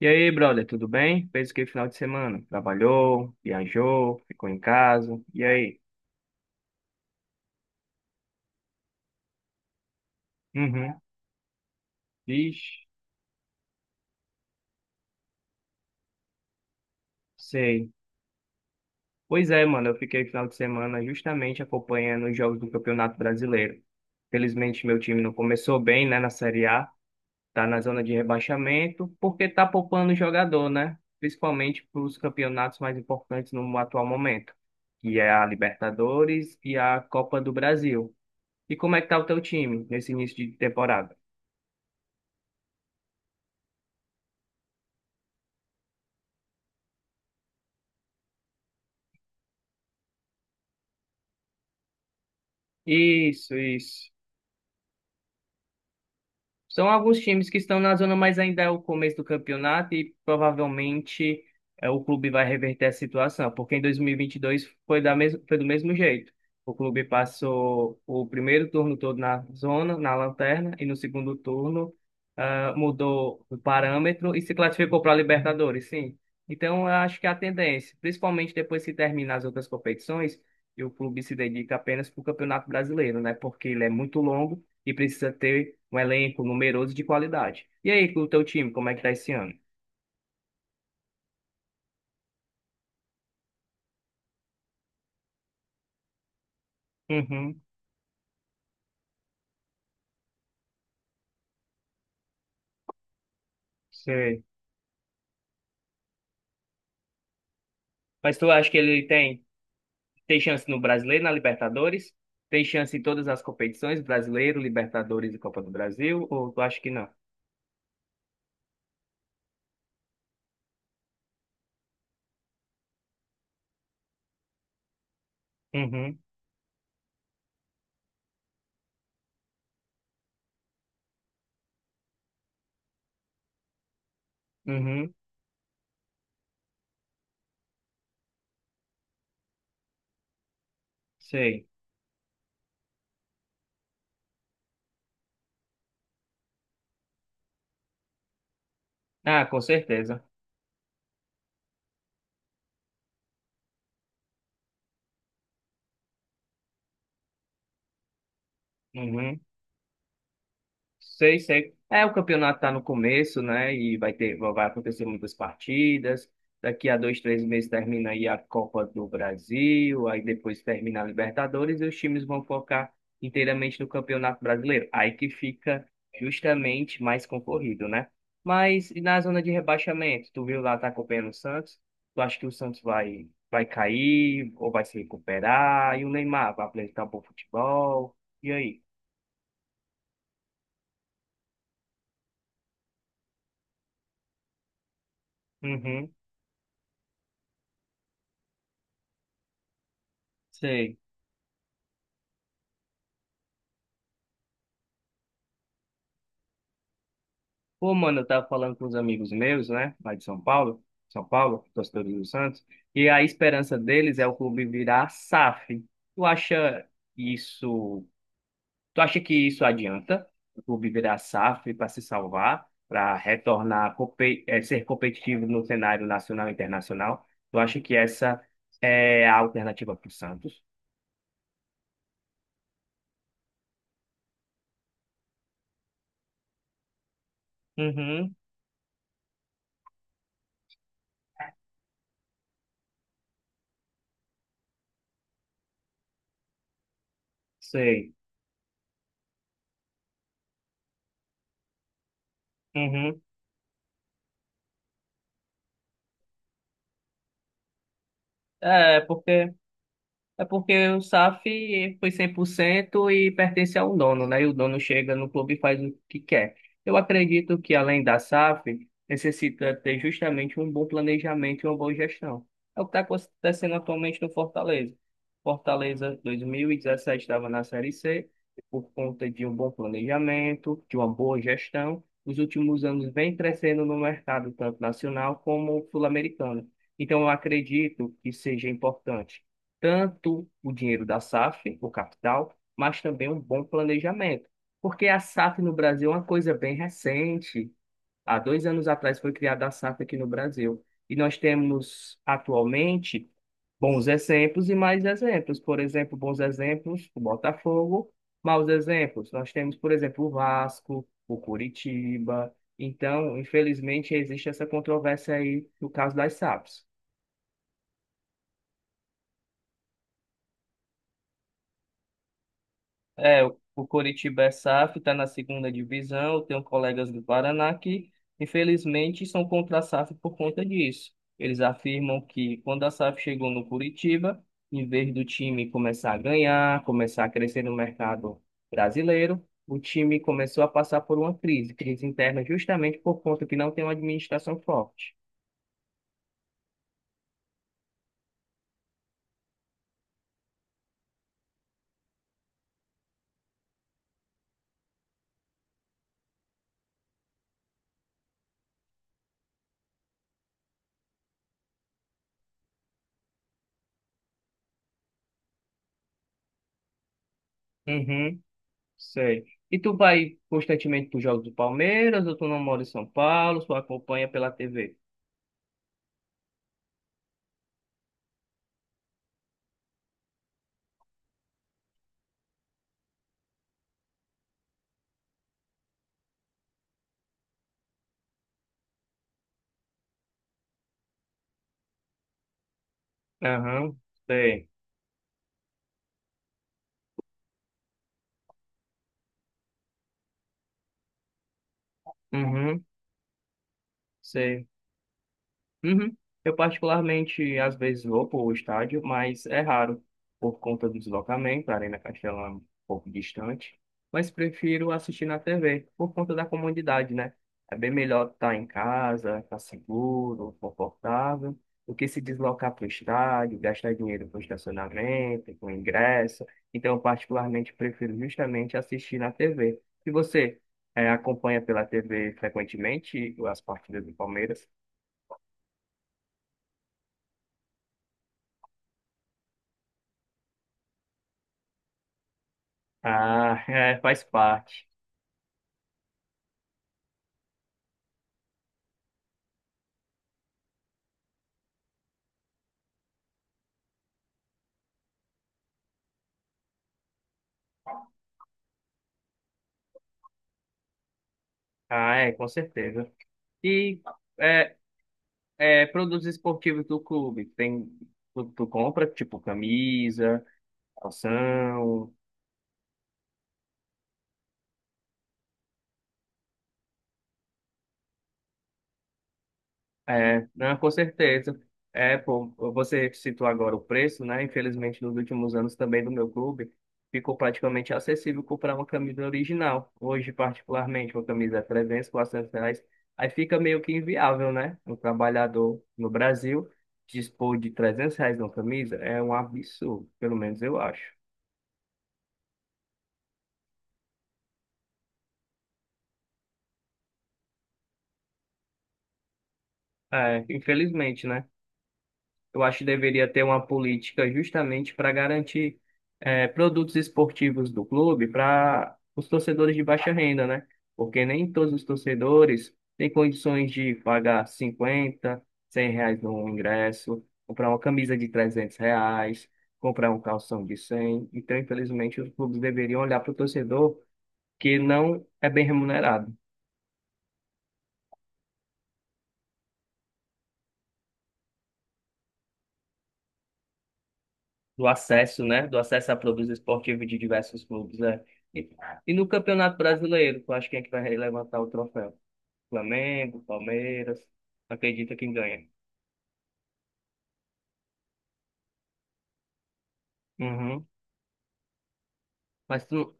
E aí, brother, tudo bem? Fez o que final de semana? Trabalhou, viajou, ficou em casa. E aí? Uhum. Vixe, sei. Pois é, mano, eu fiquei final de semana justamente acompanhando os jogos do Campeonato Brasileiro. Felizmente, meu time não começou bem, né, na Série A. Tá na zona de rebaixamento, porque tá poupando o jogador, né? Principalmente para os campeonatos mais importantes no atual momento, que é a Libertadores e a Copa do Brasil. E como é que tá o teu time nesse início de temporada? Isso, isso. São alguns times que estão na zona, mas ainda é o começo do campeonato e provavelmente o clube vai reverter a situação, porque em 2022 foi do mesmo jeito. O clube passou o primeiro turno todo na zona, na lanterna, e no segundo turno mudou o parâmetro e se classificou para a Libertadores, sim. Então, eu acho que é a tendência, principalmente depois que terminar as outras competições, e o clube se dedica apenas para o Campeonato Brasileiro, né? Porque ele é muito longo e precisa ter um elenco numeroso de qualidade. E aí, com o teu time, como é que tá esse ano? Uhum, sei. Mas tu acha que ele tem chance no Brasileiro, na Libertadores? Tem chance em todas as competições, Brasileiro, Libertadores e Copa do Brasil? Ou tu acha que não? Uhum, uhum, sei. Ah, com certeza. Uhum. Sei, sei. É, o campeonato está no começo, né? E vai acontecer muitas partidas. Daqui a 2, 3 meses termina aí a Copa do Brasil, aí depois termina a Libertadores e os times vão focar inteiramente no Campeonato Brasileiro. Aí que fica justamente mais concorrido, né? Mas e na zona de rebaixamento, tu viu lá, tá acompanhando o Santos? Tu acha que o Santos vai cair ou vai se recuperar? E o Neymar vai apresentar um bom futebol? E aí? Uhum, sei. Pô, mano, eu tava falando com os amigos meus, né, lá de São Paulo, São Paulo, torcedores do Santos, e a esperança deles é o clube virar SAF. Tu acha isso, tu acha que isso adianta? O clube virar SAF para se salvar, para retornar, ser competitivo no cenário nacional e internacional? Tu acha que essa é a alternativa para o Santos? Uhum, sei. Uhum. É, porque É porque o SAF foi 100% e pertence ao dono, né? E o dono chega no clube e faz o que quer. Eu acredito que, além da SAF, necessita ter justamente um bom planejamento e uma boa gestão. É o que está acontecendo atualmente no Fortaleza. Fortaleza 2017 estava na Série C, e por conta de um bom planejamento, de uma boa gestão. Nos últimos anos vem crescendo no mercado, tanto nacional como sul-americano. Então, eu acredito que seja importante tanto o dinheiro da SAF, o capital, mas também um bom planejamento. Porque a SAF no Brasil é uma coisa bem recente. Há 2 anos atrás foi criada a SAF aqui no Brasil. E nós temos atualmente bons exemplos e mais exemplos. Por exemplo, bons exemplos, o Botafogo. Maus exemplos, nós temos, por exemplo, o Vasco, o Curitiba. Então, infelizmente, existe essa controvérsia aí no caso das SAFs. É, o Coritiba é SAF, está na segunda divisão. Eu tenho colegas do Paraná que, infelizmente, são contra a SAF por conta disso. Eles afirmam que quando a SAF chegou no Curitiba, em vez do time começar a ganhar, começar a crescer no mercado brasileiro, o time começou a passar por uma crise, crise interna, justamente por conta que não tem uma administração forte. Uhum, sei. E tu vai constantemente para os jogos do Palmeiras, ou tu não mora em São Paulo, só acompanha pela TV? Aham, sei. Uhum, sei. Uhum. Eu particularmente às vezes vou para o estádio, mas é raro por conta do deslocamento, a Arena Castelão é um pouco distante, mas prefiro assistir na TV por conta da comodidade, né? É bem melhor estar em casa, estar seguro, confortável, do que se deslocar para o estádio, gastar dinheiro com estacionamento, com ingresso. Então, eu particularmente prefiro justamente assistir na TV. E você, acompanha pela TV frequentemente as partidas do Palmeiras? Ah, é, faz parte. Ah, é, com certeza. E é, produtos esportivos do clube, tu compra, tipo, camisa, calção? É, não, com certeza. É, pô, você citou agora o preço, né? Infelizmente, nos últimos anos também do meu clube, ficou praticamente acessível comprar uma camisa original. Hoje, particularmente, uma camisa é 300, R$ 400. Aí fica meio que inviável, né? Um trabalhador no Brasil dispor de R$ 300 numa camisa é um absurdo, pelo menos eu acho. É, infelizmente, né? Eu acho que deveria ter uma política justamente para garantir produtos esportivos do clube para os torcedores de baixa renda, né? Porque nem todos os torcedores têm condições de pagar 50, 100 reais no ingresso, comprar uma camisa de R$ 300, comprar um calção de 100. Então, infelizmente, os clubes deveriam olhar para o torcedor que não é bem remunerado. Do acesso, né? Do acesso à produtos esportivos de diversos clubes, né? E, e no Campeonato Brasileiro, tu acha quem é que vai levantar o troféu? Flamengo, Palmeiras, acredita quem ganha. Uhum. Mas tu,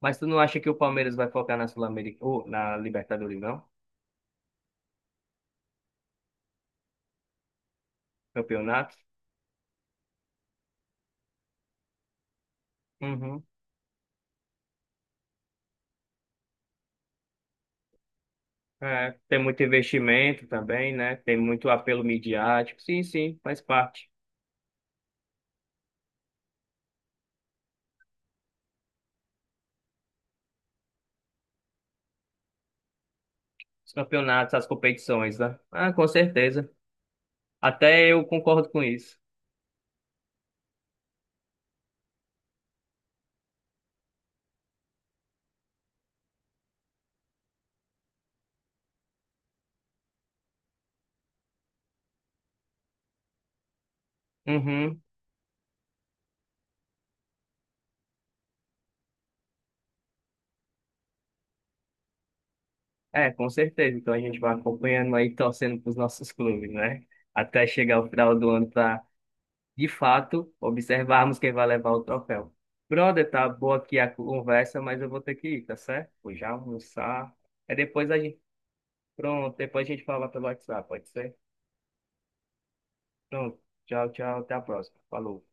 mas tu não acha que o Palmeiras vai focar na Sul-América, ou na Libertadores, não? Campeonato? Uhum. É, tem muito investimento também, né? Tem muito apelo midiático. Sim, sim, faz parte. Os campeonatos, as competições, né? Ah, com certeza. Até eu concordo com isso. Uhum. É, com certeza. Então a gente vai acompanhando aí, torcendo para os nossos clubes, né? Até chegar o final do ano para, de fato, observarmos quem vai levar o troféu. Brother, tá boa aqui a conversa, mas eu vou ter que ir, tá certo? Vou já almoçar. É depois a gente. Pronto, depois a gente fala pelo WhatsApp, pode ser? Pronto. Tchau, tchau. Até a próxima. Falou.